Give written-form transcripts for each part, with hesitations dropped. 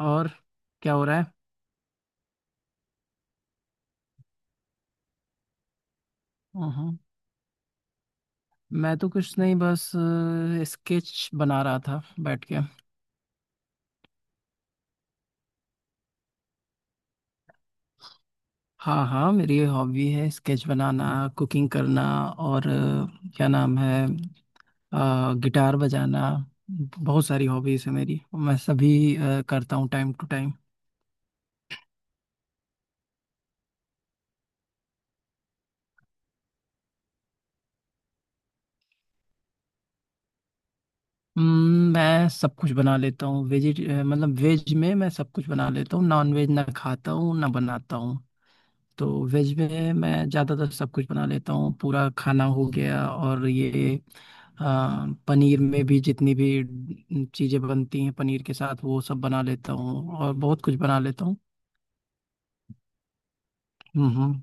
और क्या हो रहा है? हाँ। मैं तो कुछ नहीं, बस स्केच बना रहा था बैठ के। हाँ, हाँ, मेरी हॉबी है स्केच बनाना, कुकिंग करना, और क्या नाम है, गिटार बजाना। बहुत सारी हॉबीज है मेरी। मैं सभी करता हूँ टाइम टू टाइम। मैं सब कुछ बना लेता हूँ वेज, मतलब वेज में मैं सब कुछ बना लेता हूँ। नॉन वेज ना खाता हूँ ना बनाता हूँ। तो वेज में मैं ज़्यादातर सब कुछ बना लेता हूँ, पूरा खाना हो गया। और ये पनीर में भी जितनी भी चीज़ें बनती हैं पनीर के साथ, वो सब बना लेता हूँ और बहुत कुछ बना लेता हूँ। हम्म।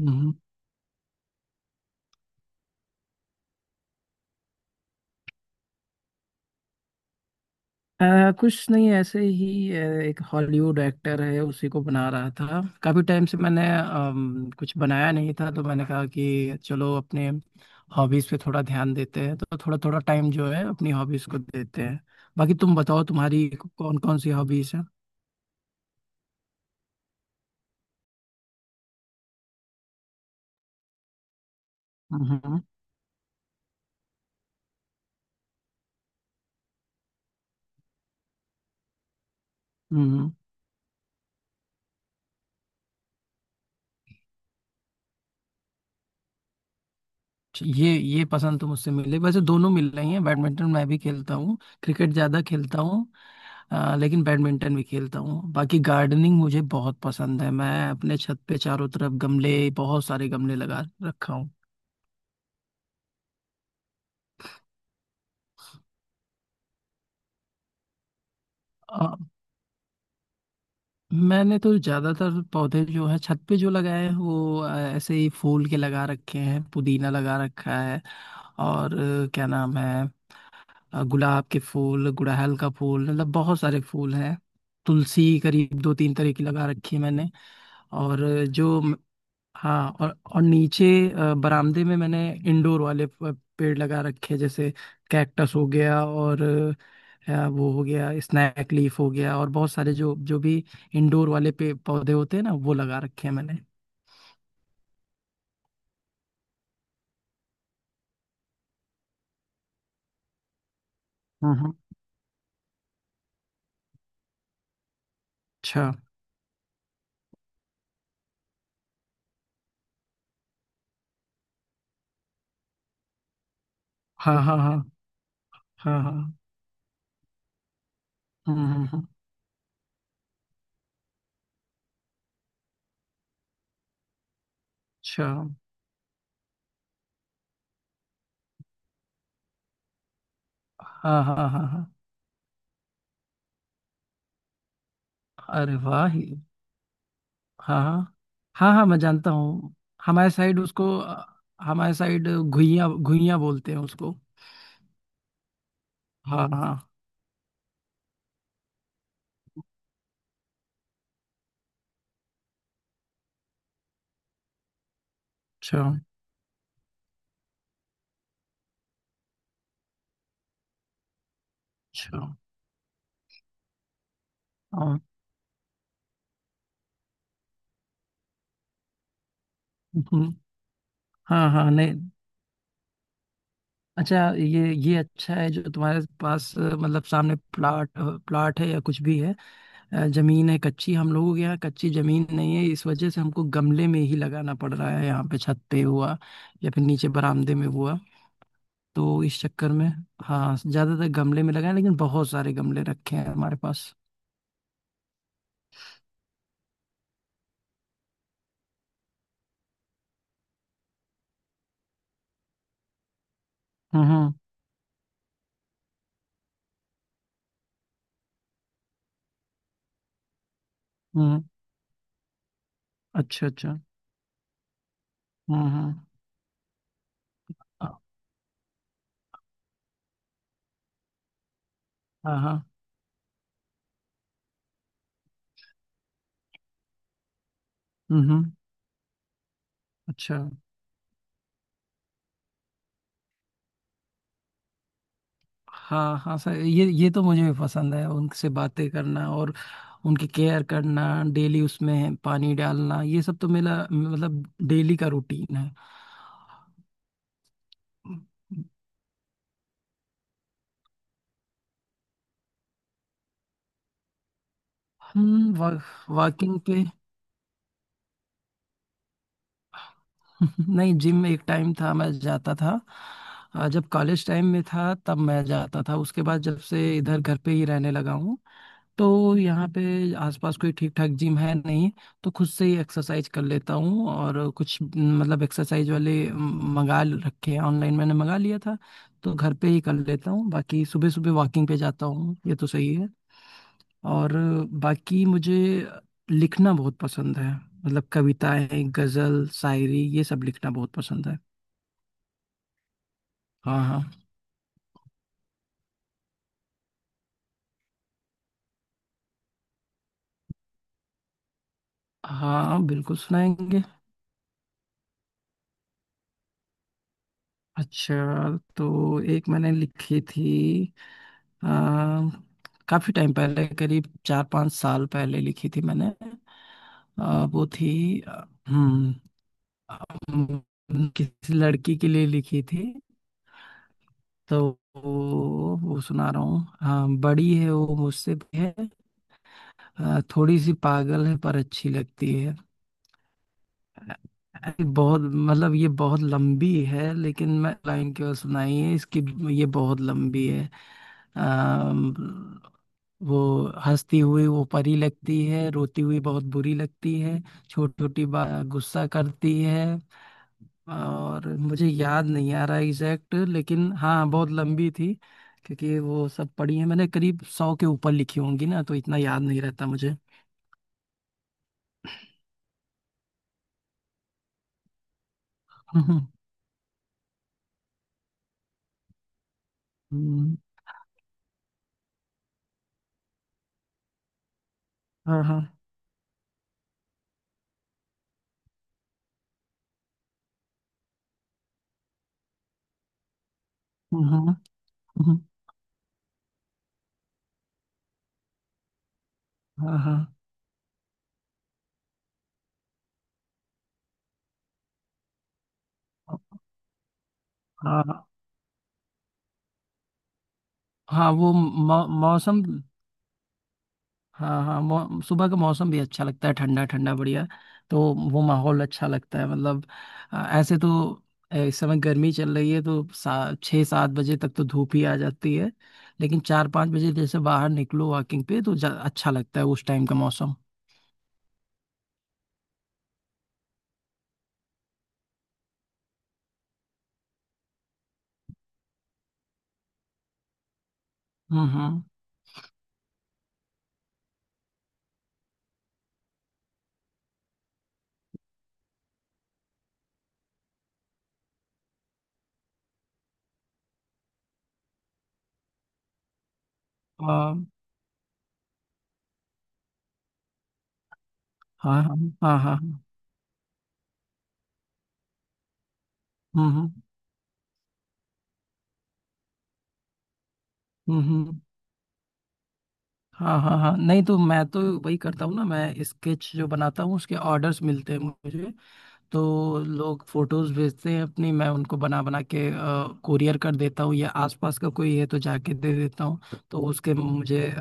हम्म। कुछ नहीं, ऐसे ही एक हॉलीवुड एक्टर है, उसी को बना रहा था। काफी टाइम से मैंने कुछ बनाया नहीं था, तो मैंने कहा कि चलो अपने हॉबीज पे थोड़ा ध्यान देते हैं। तो थोड़ा थोड़ा टाइम जो है अपनी हॉबीज को देते हैं। बाकी तुम बताओ, तुम्हारी कौन कौन सी हॉबीज है? हम्म। हम्म। ये पसंद तो मुझसे मिले, वैसे दोनों मिल रही है। बैडमिंटन मैं भी खेलता हूँ, क्रिकेट ज्यादा खेलता हूँ। लेकिन बैडमिंटन भी खेलता हूँ। बाकी गार्डनिंग मुझे बहुत पसंद है। मैं अपने छत पे चारों तरफ गमले, बहुत सारे गमले लगा रखा हूँ। अ, मैंने तो ज्यादातर पौधे जो है छत पे जो लगाए हैं, वो ऐसे ही फूल के लगा रखे हैं। पुदीना लगा रखा है, और क्या नाम है, गुलाब के फूल, गुड़हल का फूल, मतलब बहुत सारे फूल हैं। तुलसी करीब 2-3 तरह की लगा रखी है मैंने। और अ, जो हाँ और नीचे बरामदे में मैंने इंडोर वाले पेड़ लगा रखे हैं, जैसे कैक्टस हो गया, और वो हो गया स्नैक लीफ हो गया, और बहुत सारे जो जो भी इंडोर वाले पे पौधे होते हैं ना, वो लगा रखे हैं मैंने। हम्म। हम्म। अच्छा। हाँ, हाँ, हाँ, हाँ, हाँ। हम्म। हम्म। हम्म। अच्छा। हाँ, हाँ, हाँ, हाँ। अरे वाह! हाँ, हाँ, हाँ, हाँ, मैं जानता हूँ। हमारे साइड उसको हमारे साइड घुइयां घुइयां बोलते हैं उसको। हाँ, हाँ। अच्छा, अच्छा। हाँ। हम्म। हाँ, हाँ। नहीं। अच्छा, ये अच्छा है जो तुम्हारे पास मतलब सामने प्लाट है, या कुछ भी है। जमीन है कच्ची। हम लोगों के यहाँ कच्ची जमीन नहीं है, इस वजह से हमको गमले में ही लगाना पड़ रहा है, यहाँ पे छत पे हुआ या फिर नीचे बरामदे में हुआ। तो इस चक्कर में, हाँ, ज्यादातर गमले में लगाए, लेकिन बहुत सारे गमले रखे हैं हमारे पास। हम्म। हम्म। हम्म। अच्छा, अच्छा। हम्म। हम्म। अ- हाँ, हाँ। हम्म। हम्म। अच्छा। हाँ, हाँ सर, ये तो मुझे भी पसंद है, उनसे बातें करना और उनकी केयर करना, डेली उसमें पानी डालना, ये सब तो मेरा मतलब डेली का रूटीन है। हम वा, वॉकिंग पे। नहीं, जिम में एक टाइम था मैं जाता था। जब कॉलेज टाइम में था तब मैं जाता था, उसके बाद जब से इधर घर पे ही रहने लगा हूँ तो यहाँ पे आसपास कोई ठीक ठाक जिम है नहीं, तो खुद से ही एक्सरसाइज कर लेता हूँ। और कुछ न, मतलब एक्सरसाइज वाले रखे हैं, ऑनलाइन मैंने मंगा लिया था, तो घर पे ही कर लेता हूँ। बाकी सुबह सुबह वॉकिंग पे जाता हूँ, ये तो सही है। और बाकी मुझे लिखना बहुत पसंद है, मतलब कविताएं, गजल, शायरी, ये सब लिखना बहुत पसंद है। हाँ, हाँ, हाँ, बिल्कुल सुनाएंगे। अच्छा, तो एक मैंने लिखी थी आ, काफी टाइम पहले, करीब 4-5 साल पहले लिखी थी मैंने। वो थी हम्म किसी लड़की के लिए लिखी थी। तो वो सुना रहा हूँ। हाँ, बड़ी है वो, मुझसे भी है। थोड़ी सी पागल है पर अच्छी लगती है। अरे बहुत, मतलब ये बहुत लंबी है, लेकिन मैं लाइन क्यों सुनाई है इसकी, ये बहुत लंबी है। अम, वो हंसती हुई वो परी लगती है, रोती हुई बहुत बुरी लगती है, छोटी छोटी बात गुस्सा करती है। और मुझे याद नहीं आ रहा एग्जैक्ट, लेकिन हाँ बहुत लंबी थी, क्योंकि वो सब पढ़ी है मैंने, करीब 100 के ऊपर लिखी होंगी ना, तो इतना याद नहीं रहता मुझे। हम्म। हाँ, हाँ। हम्म। हम्म। हाँ, हाँ, हाँ, हाँ। वो मौसम, हाँ, हाँ, सुबह का मौसम भी अच्छा लगता है, ठंडा ठंडा, बढ़िया। तो वो माहौल अच्छा लगता है, मतलब ऐसे तो इस समय गर्मी चल रही है तो 6-7 बजे तक तो धूप ही आ जाती है, लेकिन 4-5 बजे जैसे बाहर निकलो वॉकिंग पे तो अच्छा लगता है उस टाइम का मौसम। हम्म। हम्म। हाँ, हाँ, हाँ, हाँ, हाँ। हम्म। हम्म। हम्म। हम्म। हाँ, हाँ, हाँ, नहीं तो मैं तो वही करता हूँ ना। मैं स्केच जो बनाता हूँ उसके ऑर्डर्स मिलते हैं मुझे, तो लोग फोटोज भेजते हैं अपनी, मैं उनको बना बना के कुरियर कर देता हूँ, या आसपास का कोई है तो जाके दे देता हूँ, तो उसके मुझे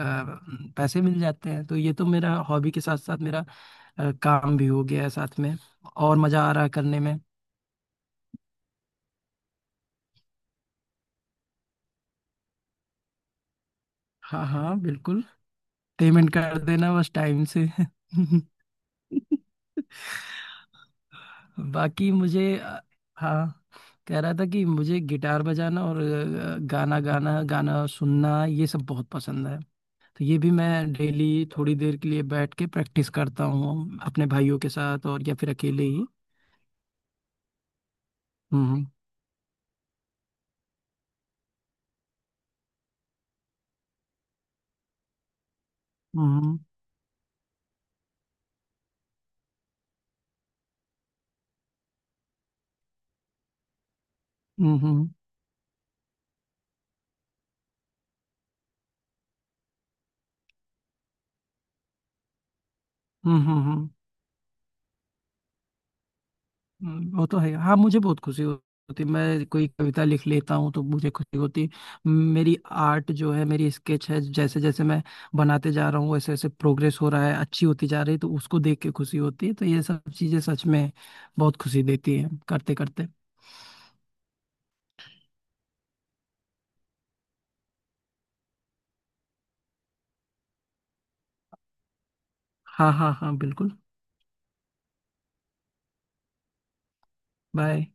पैसे मिल जाते हैं। तो ये तो मेरा हॉबी के साथ साथ मेरा काम भी हो गया है साथ में, और मजा आ रहा है करने में। हाँ, हाँ, बिल्कुल, पेमेंट कर देना बस टाइम से। बाकी मुझे हाँ, कह रहा था कि मुझे गिटार बजाना और गाना गाना, गाना सुनना ये सब बहुत पसंद है। तो ये भी मैं डेली थोड़ी देर के लिए बैठ के प्रैक्टिस करता हूँ अपने भाइयों के साथ, और या फिर अकेले ही। हम्म। हम्म। हम्म। हम्म। हम्म। हम्म। हम्म। हम्म। हम्म। वो तो है, हाँ, मुझे बहुत खुशी होती है। मैं कोई कविता लिख लेता हूँ तो मुझे खुशी होती है। मेरी आर्ट जो है, मेरी स्केच है, जैसे जैसे मैं बनाते जा रहा हूँ वैसे वैसे प्रोग्रेस हो रहा है, अच्छी होती जा रही है, तो उसको देख के खुशी होती है। तो ये सब चीज़ें सच में बहुत खुशी देती है करते करते। हाँ, हाँ, हाँ, बिल्कुल। बाय।